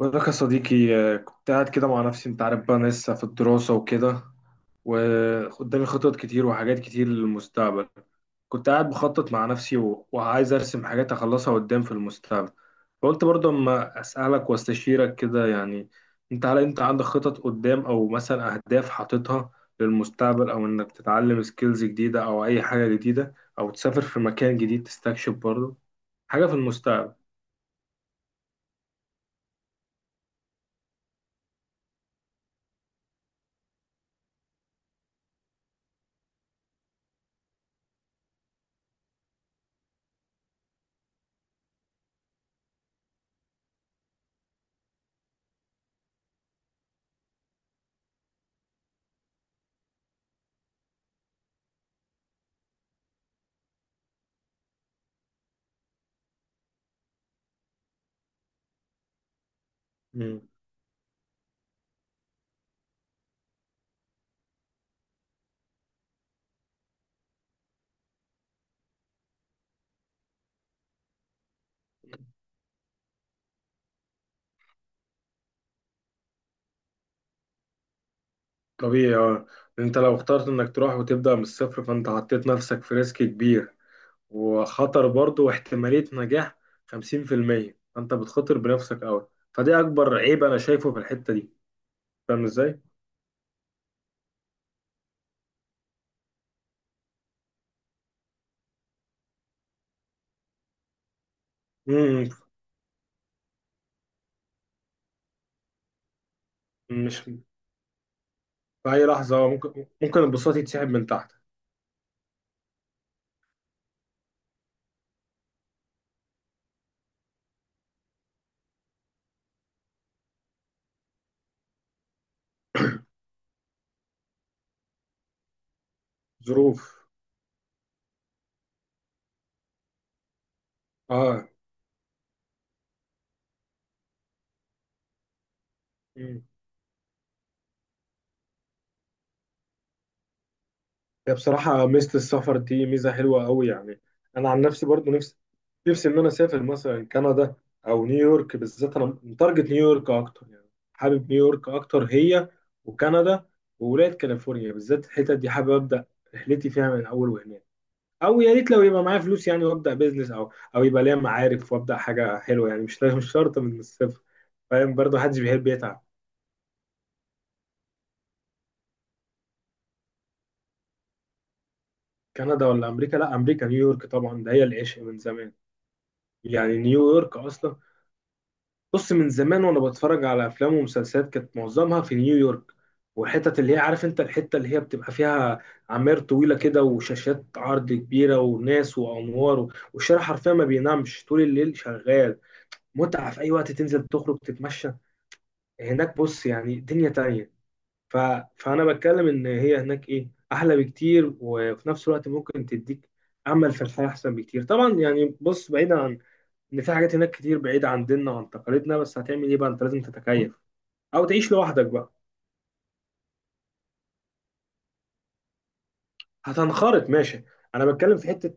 بقول لك يا صديقي، كنت قاعد كده مع نفسي. انت عارف بقى انا لسه في الدراسة وكده، وقدامي خطط كتير وحاجات كتير للمستقبل. كنت قاعد بخطط مع نفسي، وعايز ارسم حاجات اخلصها قدام في المستقبل. فقلت برضه اما اسألك واستشيرك كده يعني. هل انت عندك خطط قدام، او مثلا اهداف حاططها للمستقبل، او انك تتعلم سكيلز جديدة او اي حاجة جديدة، او تسافر في مكان جديد تستكشف برضه حاجة في المستقبل؟ طبيعي اه. انت لو اخترت انك تروح وتبدأ من الصفر، فانت حطيت نفسك في ريسك كبير وخطر، برضه واحتمالية نجاح 50%، فانت بتخاطر بنفسك قوي، فده اكبر عيب انا شايفه في الحتة دي. فاهم ازاي؟ مم، مش في اي لحظة ممكن البساط يتسحب من تحت. ظروف. اه، هي بصراحة ميزة السفر دي ميزة حلوة أوي يعني. أنا عن نفسي برضو نفسي إن أنا أسافر مثلا كندا أو نيويورك. بالذات أنا متارجت نيويورك أكتر يعني. حابب نيويورك أكتر، هي وكندا وولاية كاليفورنيا. بالذات الحتت دي حابب أبدأ رحلتي فيها من أول وهناك. أو يا ريت لو يبقى معايا فلوس يعني، وأبدأ بيزنس، أو يبقى ليا معارف وأبدأ حاجة حلوة يعني. مش شرط من الصفر. فاهم؟ برضو محدش بيحب يتعب. كندا ولا أمريكا؟ لا، أمريكا، نيويورك طبعا، ده هي العشق من زمان. يعني نيويورك أصلا، بص، من زمان وانا بتفرج على افلام ومسلسلات كانت معظمها في نيويورك. والحتت اللي هي عارف انت الحته اللي هي بتبقى فيها عماير طويله كده وشاشات عرض كبيره وناس وانوار، والشارع حرفيا ما بينامش طول الليل، شغال. متعه، في اي وقت تنزل تخرج تتمشى هناك. بص يعني، دنيا تانية. ف... فانا بتكلم ان هي هناك ايه احلى بكتير، وفي نفس الوقت ممكن تديك امل في الحياه احسن بكتير طبعا يعني. بص، بعيدا عن ان في حاجات هناك كتير بعيدة عن ديننا وعن تقاليدنا، بس هتعمل ايه بقى؟ انت لازم تتكيف او تعيش لوحدك بقى. هتنخرط، ماشي. انا بتكلم في حتة.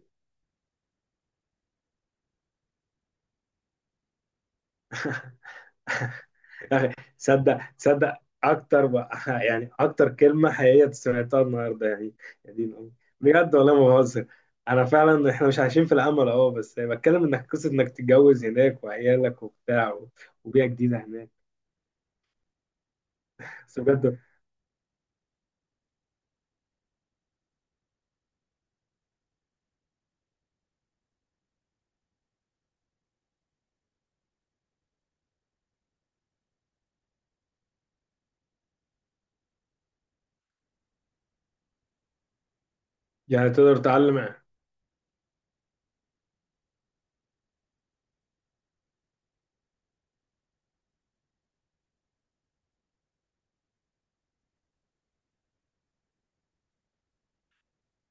يا أخي، تصدق تصدق اكتر بقى. يعني اكتر كلمة حقيقية سمعتها النهاردة يعني. يا دين امي، بجد والله ما بهزر. انا فعلا احنا مش عايشين في الامل، اه، بس بتكلم انك قصة انك تتجوز هناك وعيالك وبتاع، وبيئة جديدة هناك. بس بجد. يعني تقدر تتعلم.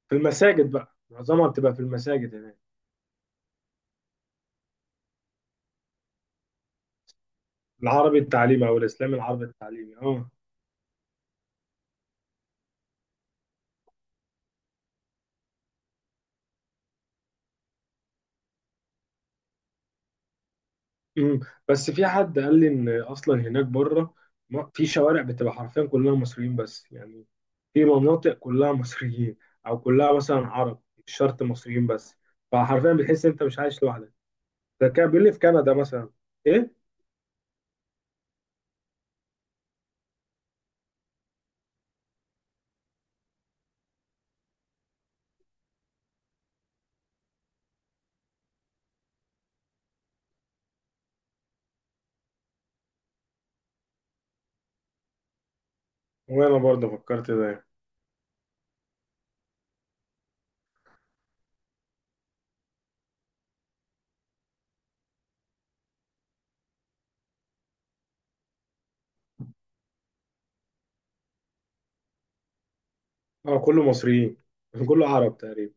في المساجد بقى، معظمها بتبقى في المساجد هناك. العربي التعليمي او الاسلامي، العربي التعليمي اه. مم. بس في حد قال لي ان اصلا هناك بره، في شوارع بتبقى حرفيا كلها مصريين بس يعني. في مناطق كلها مصريين، او كلها مثلا عرب، مش شرط مصريين بس. فحرفيا بتحس انت مش عايش لوحدك. ده كان بيقول لي في كندا مثلا. ايه، وانا برضه فكرت ده. اه، كله مصريين، كله عرب تقريبا.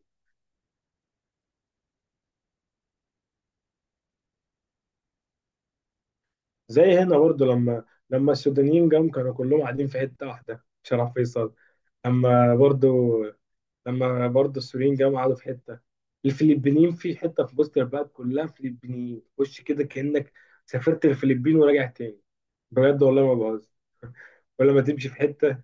زي هنا برضه، لما السودانيين جم كانوا كلهم قاعدين في حته واحده، شرف فيصل. لما برضه لما برضه السوريين جم قعدوا في حته. الفلبينيين في حته في وسط البلد، كلها فلبينيين، خش كده كانك سافرت الفلبين وراجع تاني. بجد والله ما بهزر. ولما تمشي في حته،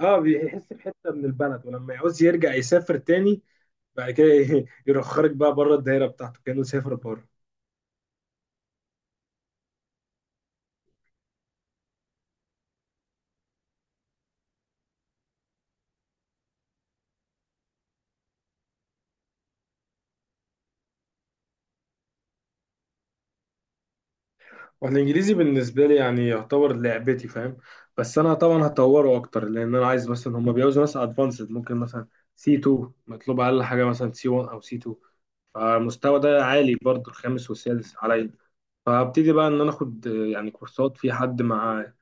اه، بيحس بحته من البلد، ولما يعوز يرجع يسافر تاني بعد كده يرخرك بقى بره الدايره بتاعته كانه سافر بره. والانجليزي بالنسبه لي يعني يعتبر لعبتي، فاهم؟ بس انا طبعا هطوره اكتر، لان انا عايز مثلا، هم بيعوزوا ناس ادفانسد، ممكن مثلا سي 2 مطلوب، اقل حاجه مثلا سي 1 او سي 2. فالمستوى ده عالي برضه، الخامس والسادس عليا. فابتدي بقى ان انا اخد يعني كورسات في حد، مع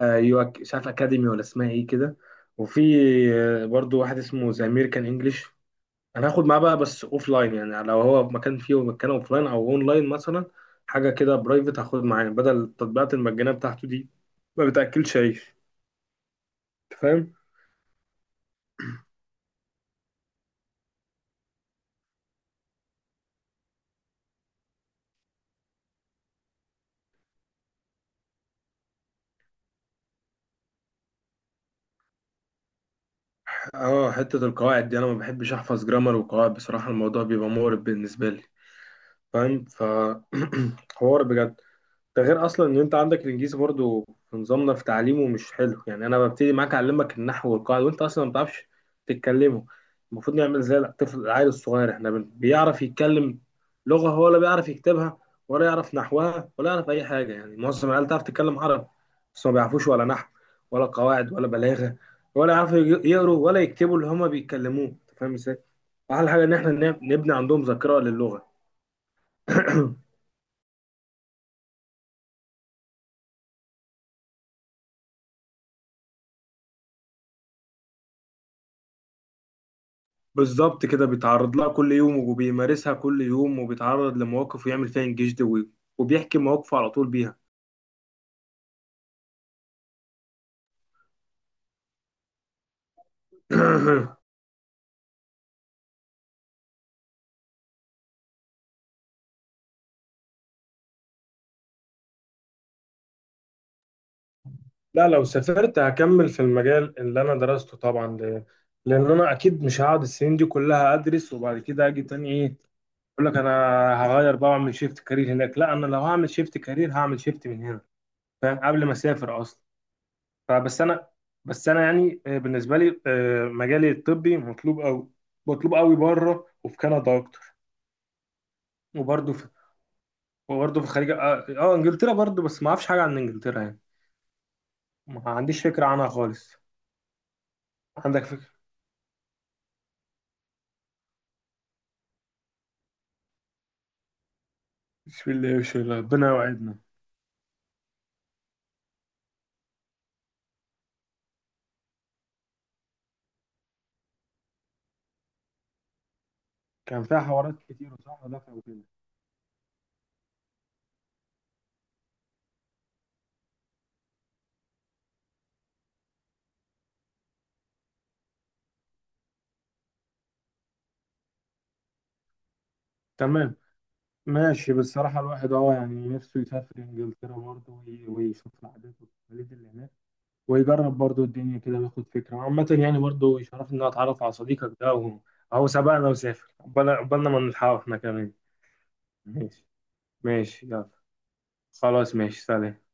مش عارف اكاديمي ولا اسمها ايه كده. وفي برضه واحد اسمه ذا امريكان انجلش، انا هاخد معاه بقى، بس اوف لاين. يعني لو هو فيه مكان اوف لاين او اون لاين مثلا، حاجه كده برايفت، هاخد معاه بدل التطبيقات المجانيه بتاعته دي ما بتاكلش عيش. أنت فاهم؟ اه، حته القواعد دي انا ما بحبش احفظ جرامر وقواعد، بصراحه الموضوع بيبقى مقرف بالنسبه لي، فاهم؟ فحوار، بجد. ده غير اصلا ان انت عندك الانجليزي برضو في نظامنا في تعليمه مش حلو، يعني انا ببتدي معاك اعلمك النحو والقواعد وانت اصلا ما بتعرفش تتكلمه. المفروض نعمل زي الطفل العيل الصغير، احنا بيعرف يتكلم لغة هو ولا بيعرف يكتبها؟ ولا يعرف نحوها ولا يعرف اي حاجة. يعني معظم العيال تعرف تتكلم عربي بس ما بيعرفوش ولا نحو ولا قواعد ولا بلاغة، ولا يعرفوا يقروا ولا يكتبوا اللي هما بيتكلموه. انت فاهم ازاي؟ احلى حاجة ان احنا نبني عندهم ذاكرة للغة. بالظبط كده، بيتعرض لها كل يوم وبيمارسها كل يوم وبيتعرض لمواقف ويعمل فيها انجاز دوي، وبيحكي مواقفه على طول بيها. لا، لو سافرت هكمل في المجال اللي انا درسته طبعا. لان انا اكيد مش هقعد السنين دي كلها ادرس وبعد كده اجي تاني، ايه، اقول لك انا هغير بقى واعمل شيفت كارير هناك. لا، انا لو هعمل شيفت كارير هعمل شيفت من هنا، فاهم؟ قبل ما اسافر اصلا. فبس انا بس انا يعني، بالنسبه لي مجالي الطبي مطلوب قوي، مطلوب قوي بره، وفي كندا اكتر. وبرضه في وبرضه في الخليج، اه، انجلترا برضه، بس ما اعرفش حاجه عن انجلترا يعني، ما عنديش فكره عنها خالص. عندك فكره. بسم الله ما شاء الله، ربنا يوعدنا. كان فيها حوارات كتير وصح ودفع وكده. تمام، ماشي. بصراحة الواحد اه يعني نفسه يسافر انجلترا برضه، ويشوف العادات والتقاليد اللي هناك، ويجرب برضه الدنيا كده وياخد فكرة عامة يعني. برضه يشرفني ان أنا اتعرف على صديقك ده، وهو اهو سبقنا وسافر قبلنا، قبلنا ما نلحقه احنا كمان. ماشي. ماشي، يلا، خلاص، ماشي، سلام.